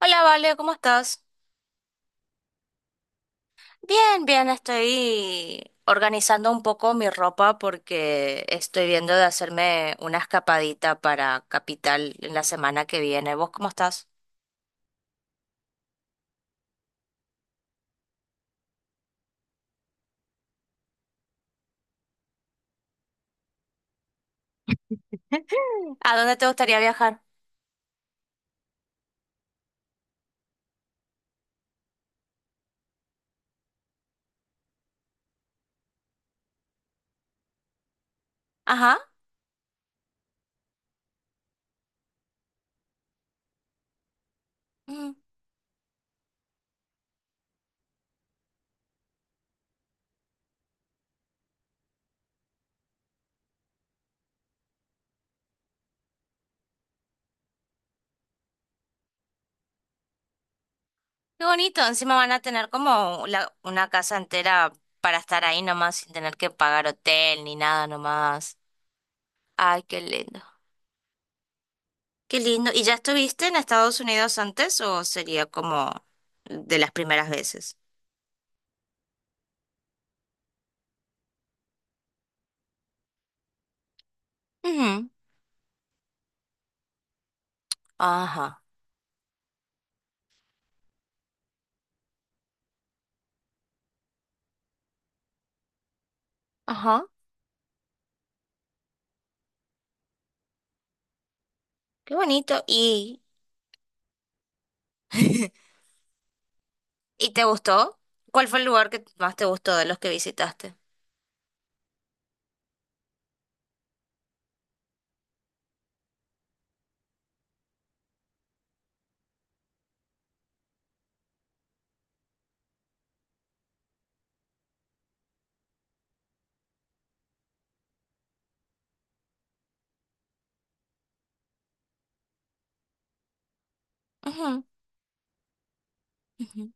Hola, Vale, ¿cómo estás? Bien, bien, estoy organizando un poco mi ropa porque estoy viendo de hacerme una escapadita para Capital en la semana que viene. ¿Vos cómo estás? ¿A dónde te gustaría viajar? Ajá. Mm, qué bonito. Encima van a tener como una casa entera para estar ahí nomás sin tener que pagar hotel ni nada nomás. Ay, qué lindo. Qué lindo. ¿Y ya estuviste en Estados Unidos antes o sería como de las primeras veces? Ajá, ajá, qué bonito. ¿Y te gustó? ¿Cuál fue el lugar que más te gustó de los que visitaste? Ujú, ujú.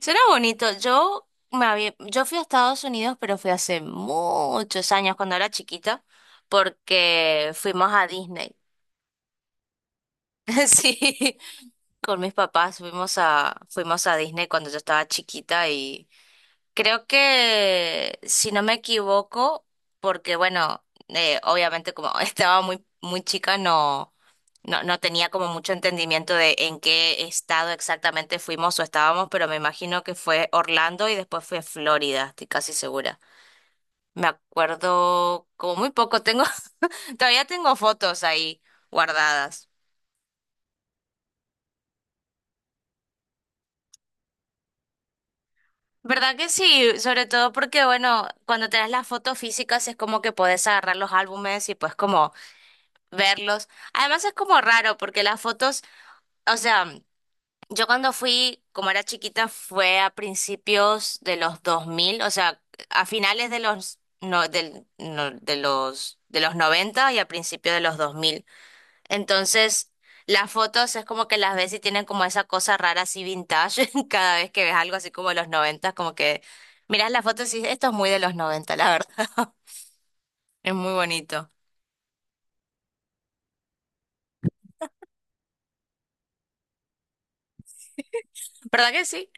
Suena bonito. Yo fui a Estados Unidos, pero fui hace muchos años cuando era chiquita, porque fuimos a Disney. Sí, con mis papás fuimos a Disney cuando yo estaba chiquita. Creo que, si no me equivoco, porque bueno, obviamente como estaba muy, muy chica, no, no, no tenía como mucho entendimiento de en qué estado exactamente fuimos o estábamos, pero me imagino que fue Orlando y después fue Florida, estoy casi segura. Me acuerdo como muy poco, todavía tengo fotos ahí guardadas. ¿Verdad que sí? Sobre todo porque, bueno, cuando tenés las fotos físicas es como que podés agarrar los álbumes y pues como verlos. Además es como raro porque las fotos, o sea, yo cuando fui, como era chiquita, fue a principios de los 2000, o sea, a finales de los no, del, no- de los 90 y a principios de los 2000. Entonces, las fotos es como que las ves y tienen como esa cosa rara así vintage cada vez que ves algo así como de los 90 como que miras las fotos y dices, esto es muy de los 90, la verdad. Es muy bonito. ¿Verdad que sí?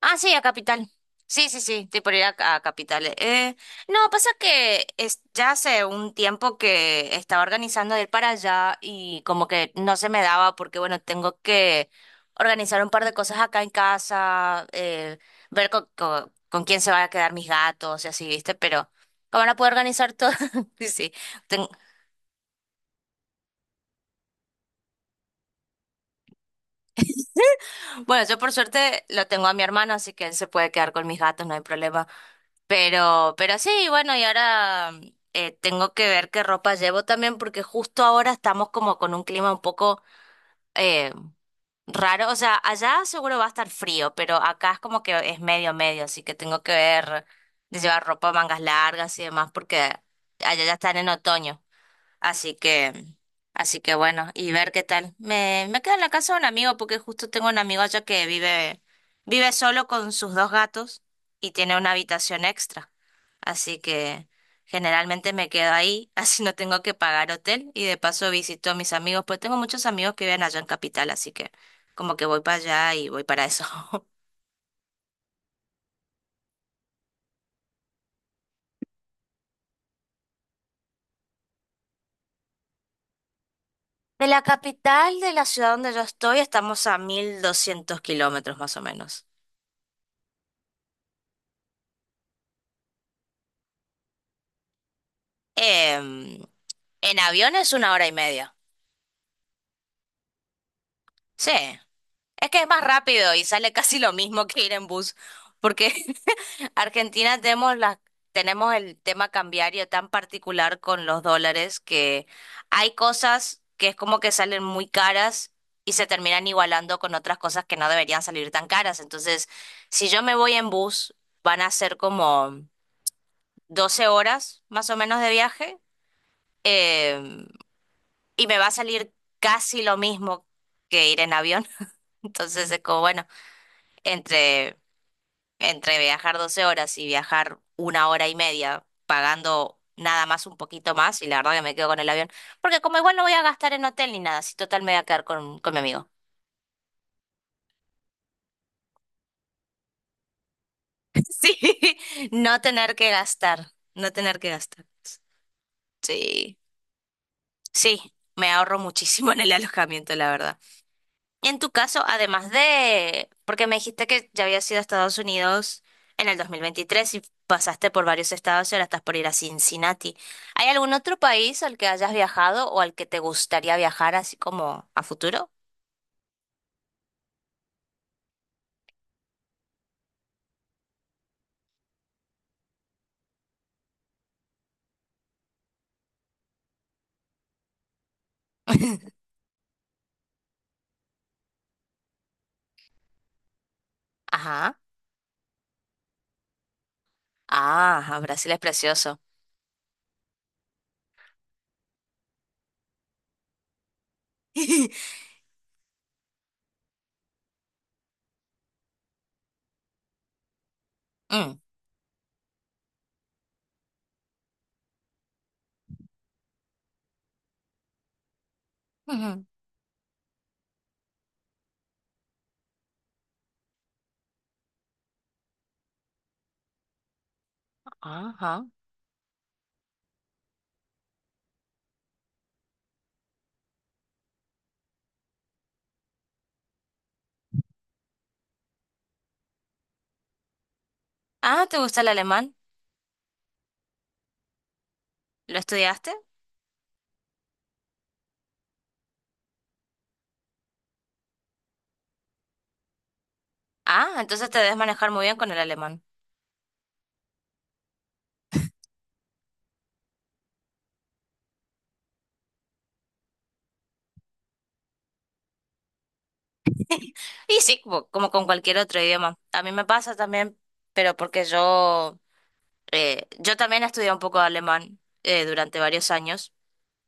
Ah, sí, a Capital. Sí, sí, sí, estoy por ir a Capital. No, pasa que es, ya hace un tiempo que estaba organizando de ir para allá y como que no se me daba porque, bueno, tengo que organizar un par de cosas acá en casa, ver con quién se van a quedar mis gatos y así, ¿viste? Pero, ¿cómo van puedo organizar todo? Sí, sí. Ten- bueno, yo por suerte lo tengo a mi hermano, así que él se puede quedar con mis gatos, no hay problema. Pero sí, bueno, y ahora tengo que ver qué ropa llevo también, porque justo ahora estamos como con un clima un poco eh, raro. O sea, allá seguro va a estar frío, pero acá es como que es medio medio, así que tengo que ver de llevar ropa, mangas largas y demás, porque allá ya están en otoño. Así que, así que bueno, y ver qué tal. Me quedo en la casa de un amigo porque justo tengo un amigo allá que vive solo con sus dos gatos y tiene una habitación extra. Así que generalmente me quedo ahí, así no tengo que pagar hotel y de paso visito a mis amigos, pues tengo muchos amigos que viven allá en Capital, así que como que voy para allá y voy para eso. De la capital de la ciudad donde yo estoy estamos a 1.200 kilómetros más o menos. En avión es una hora y media. Sí, es que es más rápido y sale casi lo mismo que ir en bus, porque Argentina tenemos el tema cambiario tan particular con los dólares que hay cosas que es como que salen muy caras y se terminan igualando con otras cosas que no deberían salir tan caras. Entonces, si yo me voy en bus, van a ser como 12 horas más o menos de viaje, em, y me va a salir casi lo mismo que ir en avión. Entonces es como, bueno, entre, entre viajar 12 horas y viajar una hora y media pagando nada más un poquito más, y la verdad que me quedo con el avión, porque como igual no voy a gastar en hotel ni nada, si total me voy a quedar con mi amigo. Sí, no tener que gastar, no tener que gastar. Sí, sí, me ahorro muchísimo en el alojamiento, la verdad. En tu caso, porque me dijiste que ya habías ido a Estados Unidos en el 2023 y pasaste por varios estados y ahora estás por ir a Cincinnati, ¿hay algún otro país al que hayas viajado o al que te gustaría viajar así como a futuro? Ajá. Ah, Brasil es precioso. Mm. Ujú. Ajá. Ah, ¿te gusta el alemán? ¿Lo estudiaste? Ah, entonces te debes manejar muy bien con el alemán. Y sí, como con cualquier otro idioma. A mí me pasa también, pero porque yo también estudié un poco de alemán durante varios años,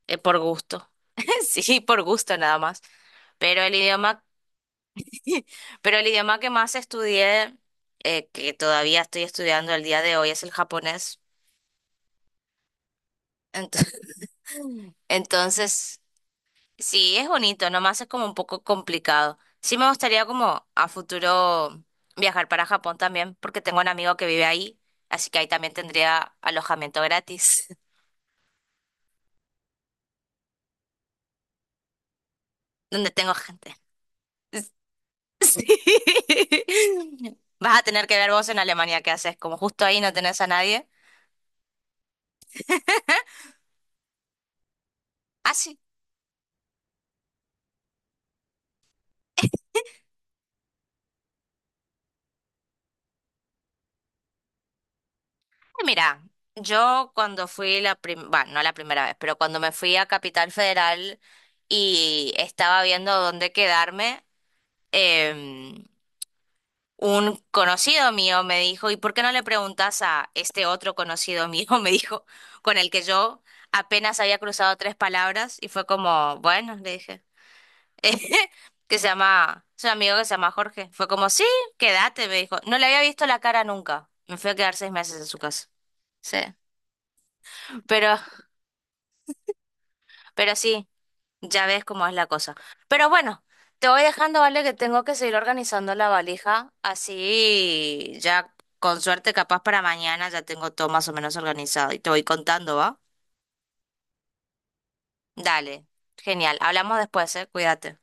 por gusto. Sí, por gusto nada más. Pero el idioma, pero el idioma que más estudié, que todavía estoy estudiando al día de hoy, es el japonés. Ento- Entonces, sí, es bonito, nomás es como un poco complicado. Sí me gustaría como a futuro viajar para Japón también, porque tengo un amigo que vive ahí, así que ahí también tendría alojamiento gratis, donde tengo gente. Sí. Vas a tener que ver vos en Alemania qué haces, como justo ahí no tenés a nadie. Ah, sí. Mira, yo cuando fui la primera, bueno, no la primera vez, pero cuando me fui a Capital Federal y estaba viendo dónde quedarme, em, un conocido mío me dijo, ¿y por qué no le preguntas a este otro conocido mío? Me dijo, con el que yo apenas había cruzado tres palabras y fue como, bueno, le dije. Es un amigo que se llama Jorge. Fue como, sí, quédate, me dijo. No le había visto la cara nunca. Me fui a quedar 6 meses en su casa. Sí. Pero, pero sí, ya ves cómo es la cosa. Pero bueno, te voy dejando, ¿vale? Que tengo que seguir organizando la valija. Así ya, con suerte, capaz para mañana ya tengo todo más o menos organizado. Y te voy contando, ¿va? Dale. Genial. Hablamos después, ¿eh? Cuídate.